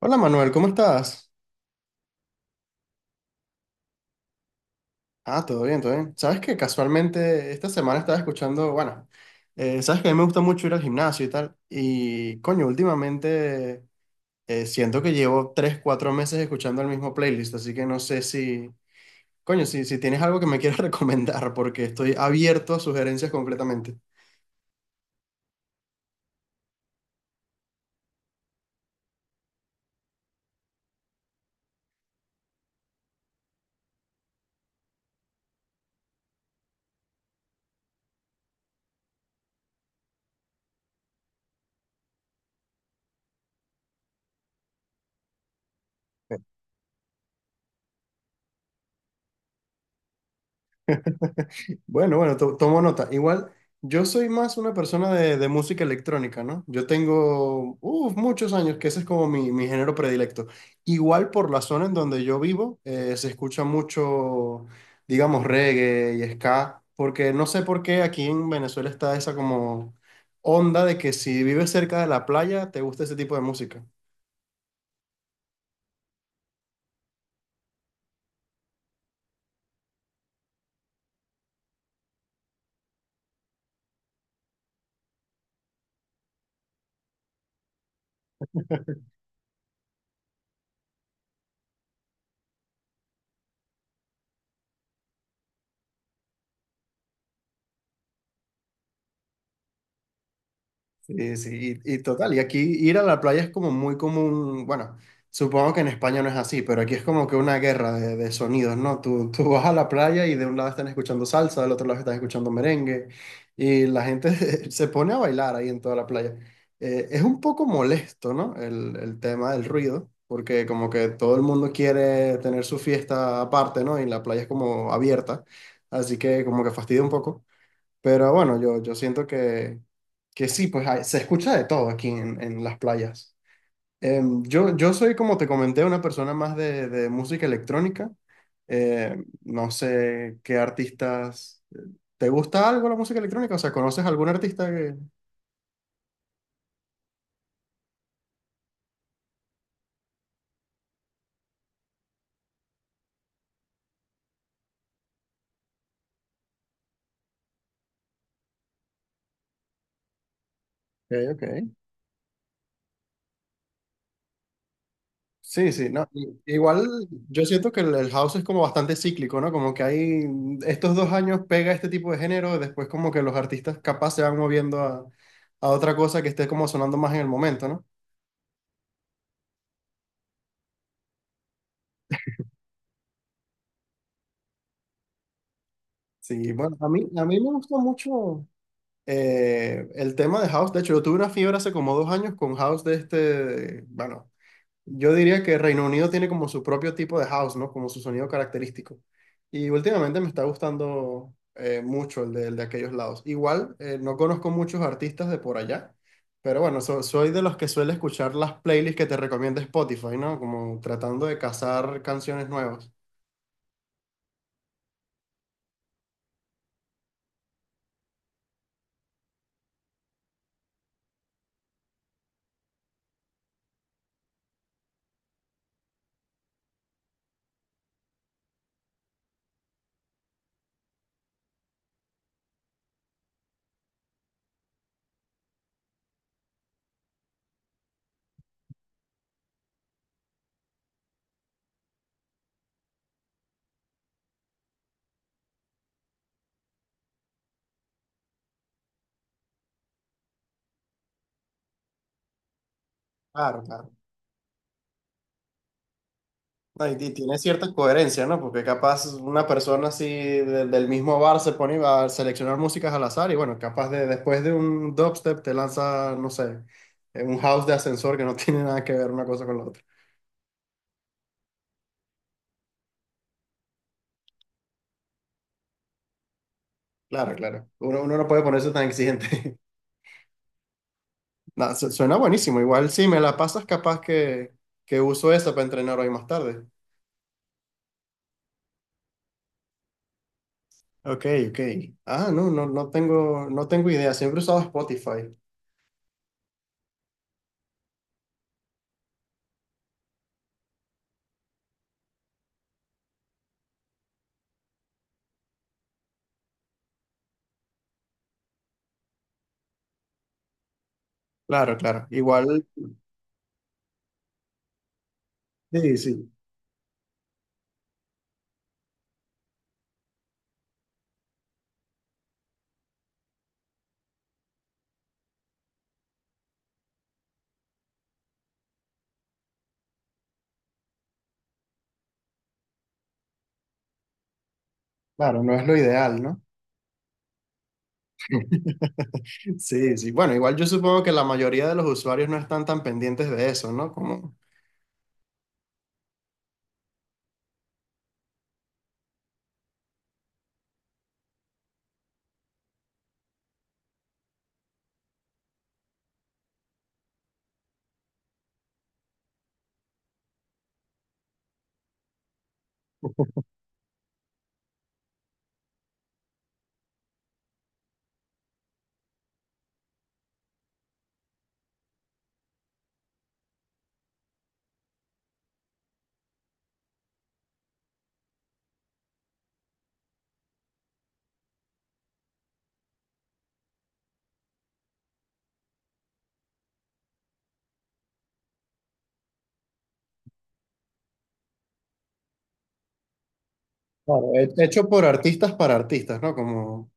Hola Manuel, ¿cómo estás? Todo bien, todo bien. Sabes que casualmente esta semana estaba escuchando, sabes que a mí me gusta mucho ir al gimnasio y tal, y coño, últimamente, siento que llevo 3, 4 meses escuchando el mismo playlist, así que no sé si, coño, si tienes algo que me quieras recomendar, porque estoy abierto a sugerencias completamente. Bueno, bueno, tomo nota. Igual, yo soy más una persona de música electrónica, ¿no? Yo tengo uf, muchos años que ese es como mi género predilecto. Igual por la zona en donde yo vivo, se escucha mucho, digamos, reggae y ska, porque no sé por qué aquí en Venezuela está esa como onda de que si vives cerca de la playa, te gusta ese tipo de música. Sí, sí, y total, y aquí ir a la playa es como muy común, bueno, supongo que en España no es así, pero aquí es como que una guerra de sonidos, ¿no? Tú vas a la playa y de un lado están escuchando salsa, del otro lado están escuchando merengue, y la gente se pone a bailar ahí en toda la playa. Es un poco molesto, ¿no? El tema del ruido, porque como que todo el mundo quiere tener su fiesta aparte, ¿no? Y la playa es como abierta, así que como que fastidia un poco. Pero bueno, yo siento que sí, pues se escucha de todo aquí en las playas. Yo, yo soy, como te comenté, una persona más de música electrónica. No sé qué artistas. ¿Te gusta algo la música electrónica? O sea, ¿conoces algún artista que...? Ok, ok. Sí, sí, no. Igual yo siento que el house es como bastante cíclico, ¿no? Como que hay estos dos años pega este tipo de género, después como que los artistas capaz se van moviendo a otra cosa que esté como sonando más en el momento, ¿no? Sí, bueno, a mí me gusta mucho el tema de House. De hecho, yo tuve una fiebre hace como dos años con House de este, bueno, yo diría que Reino Unido tiene como su propio tipo de House, ¿no? Como su sonido característico. Y últimamente me está gustando mucho el de aquellos lados. Igual, no conozco muchos artistas de por allá, pero bueno, soy de los que suele escuchar las playlists que te recomienda Spotify, ¿no? Como tratando de cazar canciones nuevas. Claro, claro. No, y tiene cierta coherencia, ¿no? Porque capaz una persona así del mismo bar se pone a seleccionar músicas al azar y bueno, capaz de después de un dubstep te lanza, no sé, un house de ascensor que no tiene nada que ver una cosa con la otra. Claro, claro. Uno, uno no puede ponerse tan exigente. Nada, suena buenísimo. Igual sí, me la pasas capaz que uso esa para entrenar hoy más tarde. Ok, ok. Ah, no, no, no tengo, no tengo idea. Siempre he usado Spotify. Claro, claro. Igual, sí, sí. Claro, no es lo ideal, ¿no? Sí, sí. Bueno, igual yo supongo que la mayoría de los usuarios no están tan pendientes de eso, ¿no? Como, claro, hecho por artistas para artistas, ¿no? Como,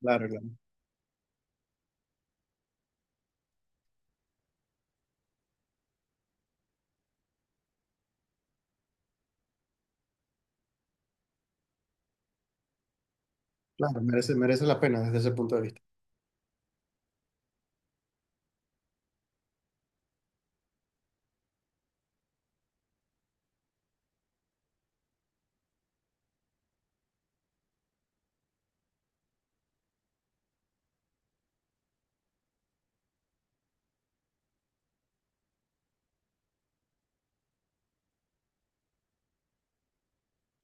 claro, claro, claro, merece, merece la pena desde ese punto de vista.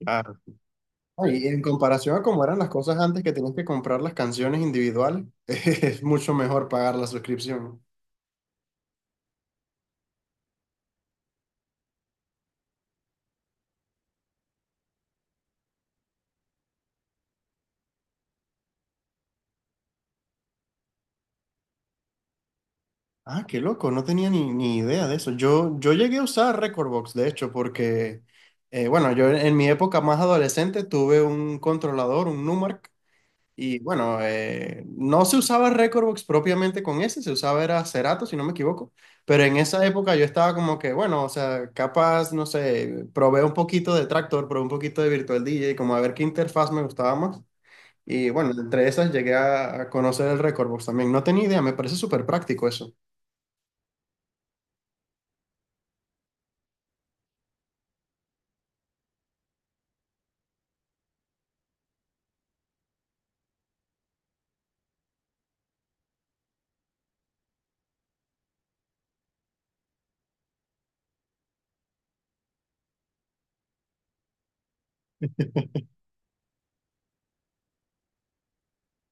Claro. No, y en comparación a cómo eran las cosas antes que tenías que comprar las canciones individuales, es mucho mejor pagar la suscripción. Ah, qué loco, no tenía ni, ni idea de eso. Yo llegué a usar Recordbox, de hecho, porque, bueno, yo en mi época más adolescente tuve un controlador, un Numark. Y bueno, no se usaba Recordbox propiamente con ese, se usaba era Cerato, si no me equivoco. Pero en esa época yo estaba como que, bueno, o sea, capaz, no sé, probé un poquito de Tractor, probé un poquito de Virtual DJ, como a ver qué interfaz me gustaba más. Y bueno, entre esas llegué a conocer el Recordbox también. No tenía idea, me parece súper práctico eso.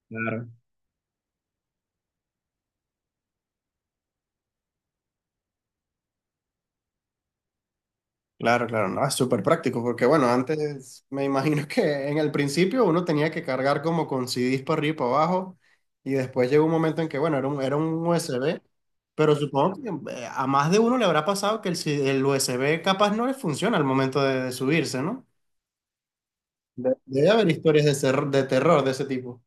Claro. Claro, claro, no, es súper práctico porque bueno, antes me imagino que en el principio uno tenía que cargar como con CDs para arriba y para abajo y después llegó un momento en que bueno, era un USB, pero supongo que a más de uno le habrá pasado que el, el USB capaz no le funciona al momento de subirse, ¿no? Debe haber historias de, de terror de ese tipo.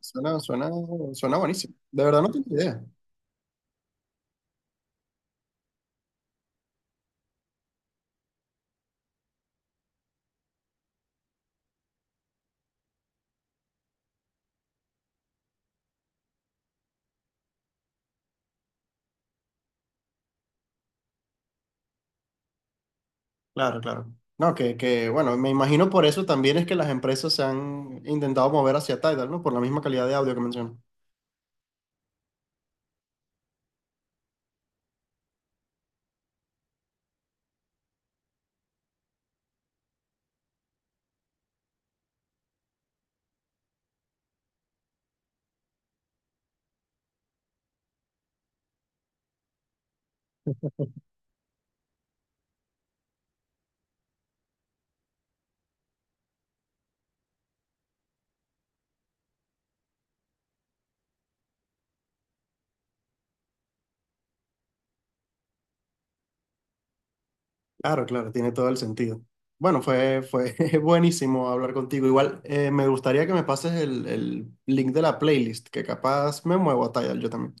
Suena, suena, suena buenísimo. De verdad no tengo idea. Claro, claro. No, que, bueno, me imagino por eso también es que las empresas se han intentado mover hacia Tidal, ¿no? Por la misma calidad de audio que mencionas. Claro, claro, tiene todo el sentido. Bueno, fue, fue buenísimo hablar contigo. Igual, me gustaría que me pases el link de la playlist, que capaz me muevo a Tidal yo también.